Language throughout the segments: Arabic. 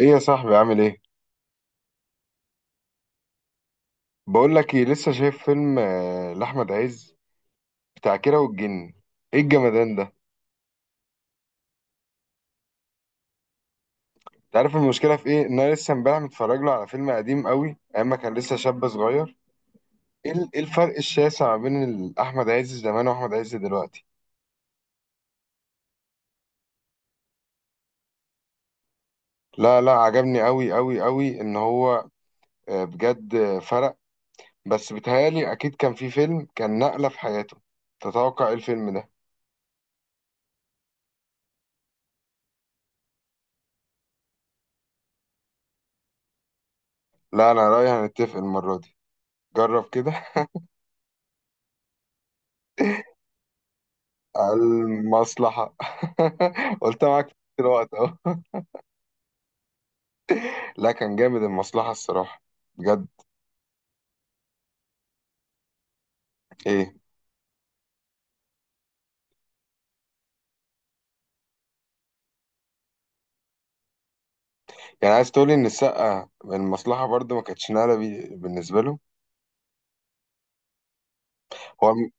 ايه يا صاحبي، عامل ايه؟ بقول لك ايه، لسه شايف فيلم لاحمد عز بتاع كيرة والجن. ايه الجمدان ده؟ انت عارف المشكله في ايه؟ ان انا لسه امبارح متفرج له على فيلم قديم قوي، ايام ما كان لسه شاب صغير. إيه الفرق الشاسع ما بين احمد عز زمان واحمد عز دلوقتي. لا لا، عجبني قوي قوي قوي ان هو بجد فرق. بس بيتهيالي اكيد كان في فيلم كان نقله في حياته. تتوقع ايه الفيلم ده؟ لا، انا رايي هنتفق المره دي. جرب كده. المصلحة. قلت معاك في الوقت اهو. لا، كان جامد المصلحة الصراحة. بجد. ايه؟ يعني عايز تقولي ان السقة المصلحة برضو ما كانتش نقلة بالنسبة له. هو الم-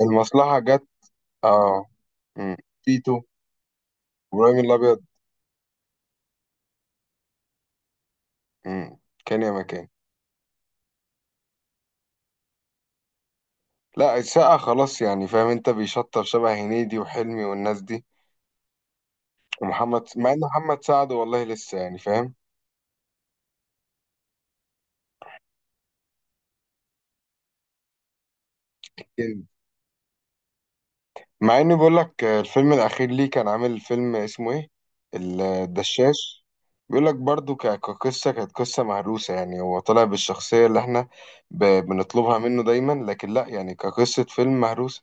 المصلحة جت. اه. مم. تيتو. ابراهيم الابيض. مم. كان يا مكان. لا، السقة خلاص، يعني فاهم انت، بيشطب شبه هنيدي وحلمي والناس دي. ومحمد، مع ان محمد سعد والله لسه يعني فاهم. مع اني بقول لك، الفيلم الاخير ليه كان عامل فيلم اسمه ايه؟ الدشاش. بيقول لك برضو، كقصه كانت قصه مهروسه، يعني هو طلع بالشخصيه اللي احنا بنطلبها منه دايما، لكن لا يعني كقصه فيلم مهروسه.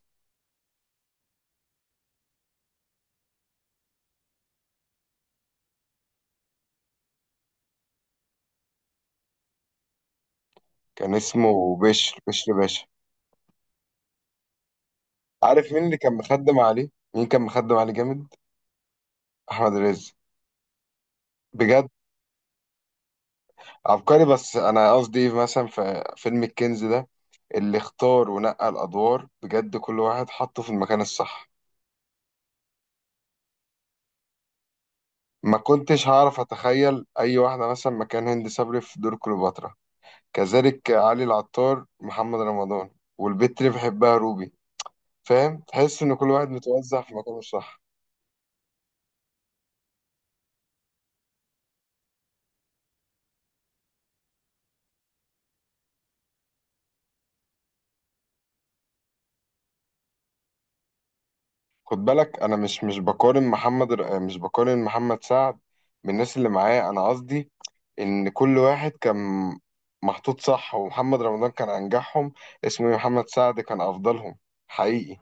كان اسمه بشر باشا. عارف مين اللي كان مخدم عليه؟ مين كان مخدم عليه جامد؟ احمد رزق. بجد. عبقري. بس انا قصدي إيه، مثلا في فيلم الكنز ده، اللي اختار ونقى الادوار بجد كل واحد حطه في المكان الصح. ما كنتش هعرف أتخيل أي واحدة مثلا مكان هند صبري في دور كليوباترا. كذلك علي العطار، محمد رمضان. والبت اللي بحبها روبي. فاهم؟ تحس إن كل واحد متوزع في مكانه الصح. خد بالك، أنا مش بقارن مش بقارن محمد سعد بالناس اللي معاه. أنا قصدي إن كل واحد كان محطوط صح. ومحمد رمضان كان أنجحهم. اسمه إيه؟ محمد سعد كان أفضلهم. حقيقي.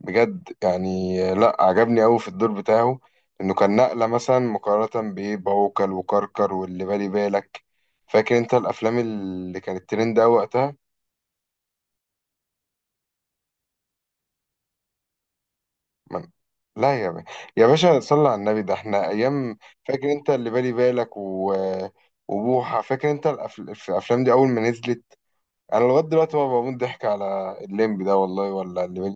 بجد يعني، لا، عجبني قوي في الدور بتاعه، انه كان نقلة مثلا مقارنة بايه؟ بعوكل وكركر واللي بالي بالك. فاكر انت الافلام اللي كانت ترند قوي وقتها؟ من... لا يا باشا. يا باشا صلى على النبي، ده احنا ايام. فاكر انت اللي بالي بالك وبوحة؟ فاكر انت في الافلام دي اول ما نزلت؟ انا لغاية دلوقتي بقى بموت ضحك على الليمبي ده والله، ولا اللي بالي.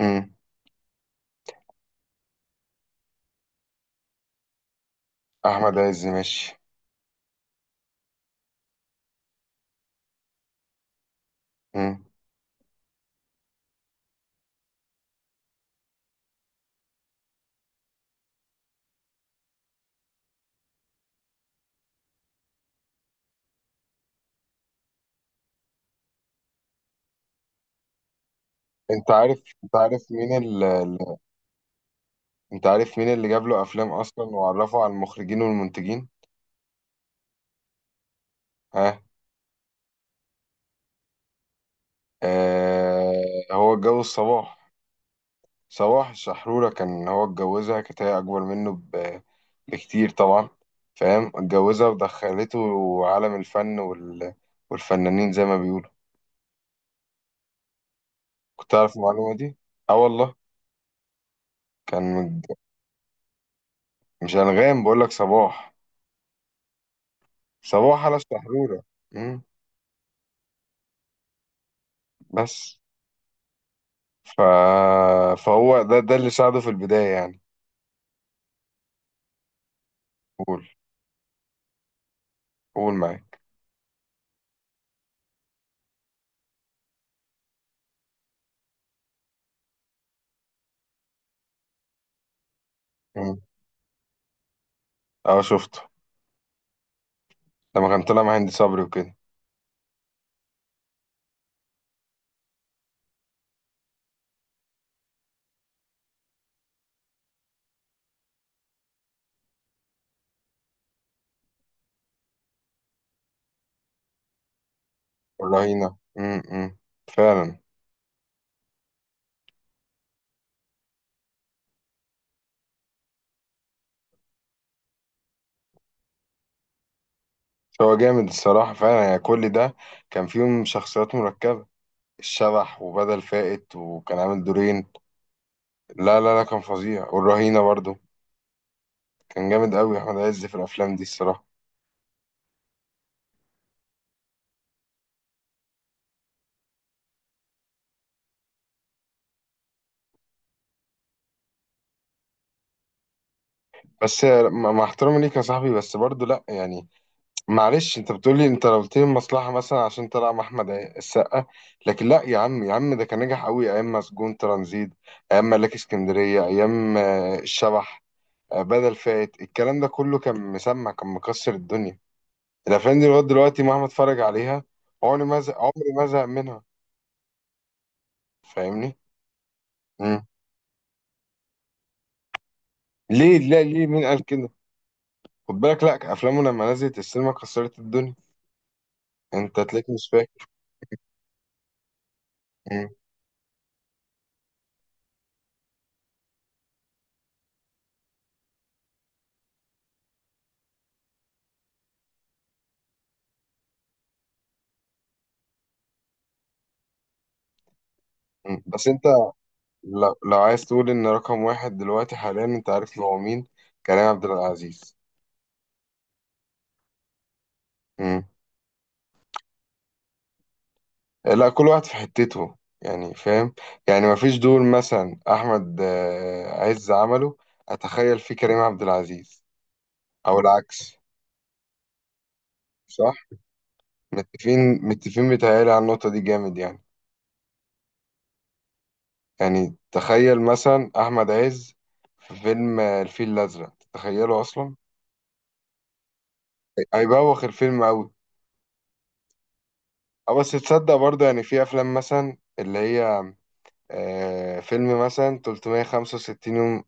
مم. احمد عز ماشي. مم. انت عارف انت عارف مين انت عارف مين اللي جاب له افلام اصلا وعرفه على المخرجين والمنتجين. ها. آه هو اتجوز صباح. صباح الشحرورة، كان هو اتجوزها، كانت هي اكبر منه بكتير طبعا. فاهم؟ اتجوزها ودخلته عالم الفن والفنانين زي ما بيقولوا. كنت عارف المعلومة دي؟ اه والله. كان متج- مش انغام، بقول لك صباح. صباح على الشحرورة. مم، بس. ف... فهو ده اللي ساعده في البداية يعني. قول. قول معايا. اه، شفته لما كان طلع مع هند صبري وكده. والرهينة. فعلا. هو جامد الصراحة فعلا، يعني كل ده كان فيهم شخصيات مركبة. الشبح وبدل فائت، وكان عامل دورين. لا لا لا، كان فظيع. والرهينة برضو كان جامد قوي. أحمد عز في الأفلام دي الصراحة. بس مع احترامي ليك يا صاحبي، بس برضو لا يعني معلش. انت لو قلت لي المصلحه مثلا عشان طلع مع احمد السقا، لكن لا يا عم. يا عم ده كان نجح قوي ايام مسجون ترانزيت، ايام ملاك اسكندريه، ايام الشبح، بدل فات. الكلام ده كله، كان مكسر الدنيا. الافلام دي لغايه دلوقتي مهما اتفرج عليها، عمري ما زهق، عمري ما زهق منها. فاهمني؟ مم. لا، ليه؟ مين قال كده؟ خد بالك، لا، افلامه لما نزلت السينما كسرت الدنيا. انت تلاقيك مش فاكر. مم. مم. بس انت لو عايز تقول ان رقم واحد دلوقتي حاليا، انت عارف ان هو مين؟ كريم عبد العزيز. امم لا، كل واحد في حتته يعني، فاهم؟ يعني ما فيش دور مثلا احمد عز عمله اتخيل فيه كريم عبد العزيز، او العكس. صح. متفقين متفقين، بيتهيألي على النقطة دي جامد يعني. يعني تخيل مثلا احمد عز في فيلم الفيل الازرق، تتخيله اصلا؟ هيبوخ الفيلم قوي. اه، بس تصدق برضه؟ يعني في افلام مثلا اللي هي فيلم مثلا 365 يوم،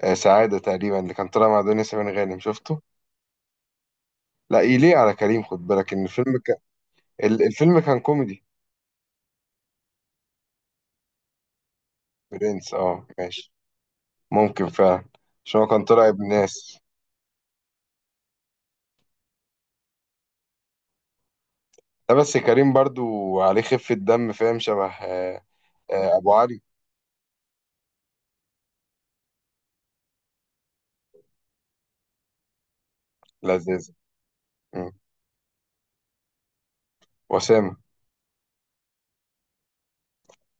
سعادة تقريبا، اللي كان طالع مع دنيا سمير غانم. شفته؟ لا يليق على كريم. خد بالك ان الفيلم كان، الفيلم كان كوميدي. برنس اه، ماشي. ممكن فعلا، عشان هو كان طالع ابن ناس. لا بس كريم برضو عليه خفة دم فاهم، شبه ابو علي. لذيذ. مم. وسام.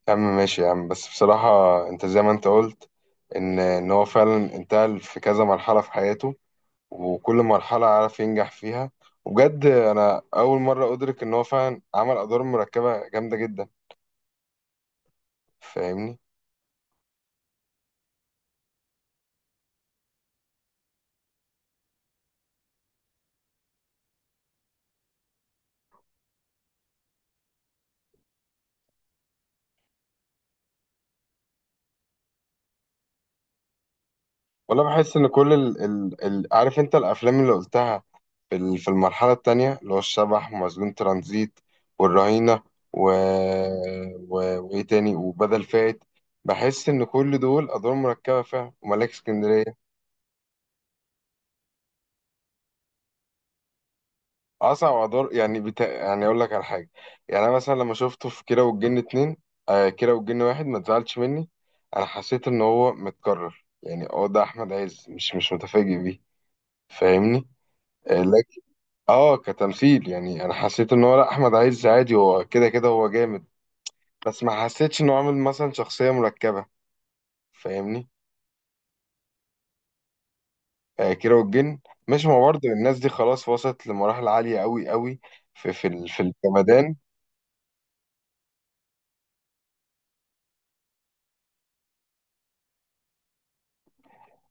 يا عم ماشي يا عم، بس بصراحة انت زي ما انت قلت، ان ان هو فعلا انتقل في كذا مرحلة في حياته، وكل مرحلة عارف ينجح فيها. وبجد أنا أول مرة أدرك إن هو فعلا عمل أدوار مركبة جامدة جدا. فاهمني؟ ولا بحس إن كل عارف أنت الأفلام اللي قلتها في في المرحلة التانية، اللي هو الشبح ومسجون ترانزيت والرهينة، و... وإيه تاني؟ وبدل فائت. بحس إن كل دول أدوار مركبة فعلا، وملاك اسكندرية. اصعب ادوار يعني يعني اقول لك على حاجه. يعني انا مثلا لما شفته في كيرة والجن اتنين، كيرة والجن واحد، ما تزعلش مني، انا حسيت ان هو متكرر يعني. اه، ده احمد عز مش متفاجئ بيه. فاهمني؟ آه لكن اه كتمثيل يعني، انا حسيت ان هو، لا، احمد عز عادي، هو كده كده هو جامد. بس ما حسيتش انه عامل مثلا شخصيه مركبه. فاهمني؟ آه كيرة والجن. مش ما برضه الناس دي خلاص وصلت لمراحل عاليه قوي قوي في الجمدان.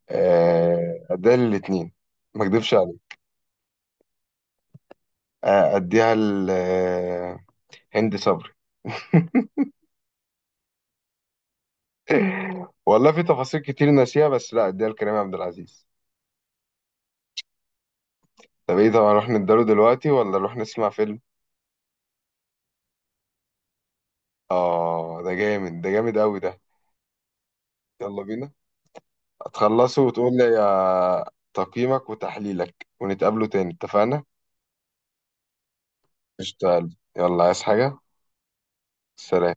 اديها للاتنين، ما اكدبش عليك. اديها لهند صبري. والله في تفاصيل كتير ناسيها، بس لا، اديها لكريم عبد العزيز. طب ايه؟ طب هنروح نداله دلوقتي ولا نروح نسمع فيلم؟ اه ده جامد، ده جامد قوي ده. يلا بينا. هتخلصه وتقول لي تقييمك وتحليلك ونتقابله تاني، اتفقنا؟ اشتغل، يلا عايز حاجة؟ سلام.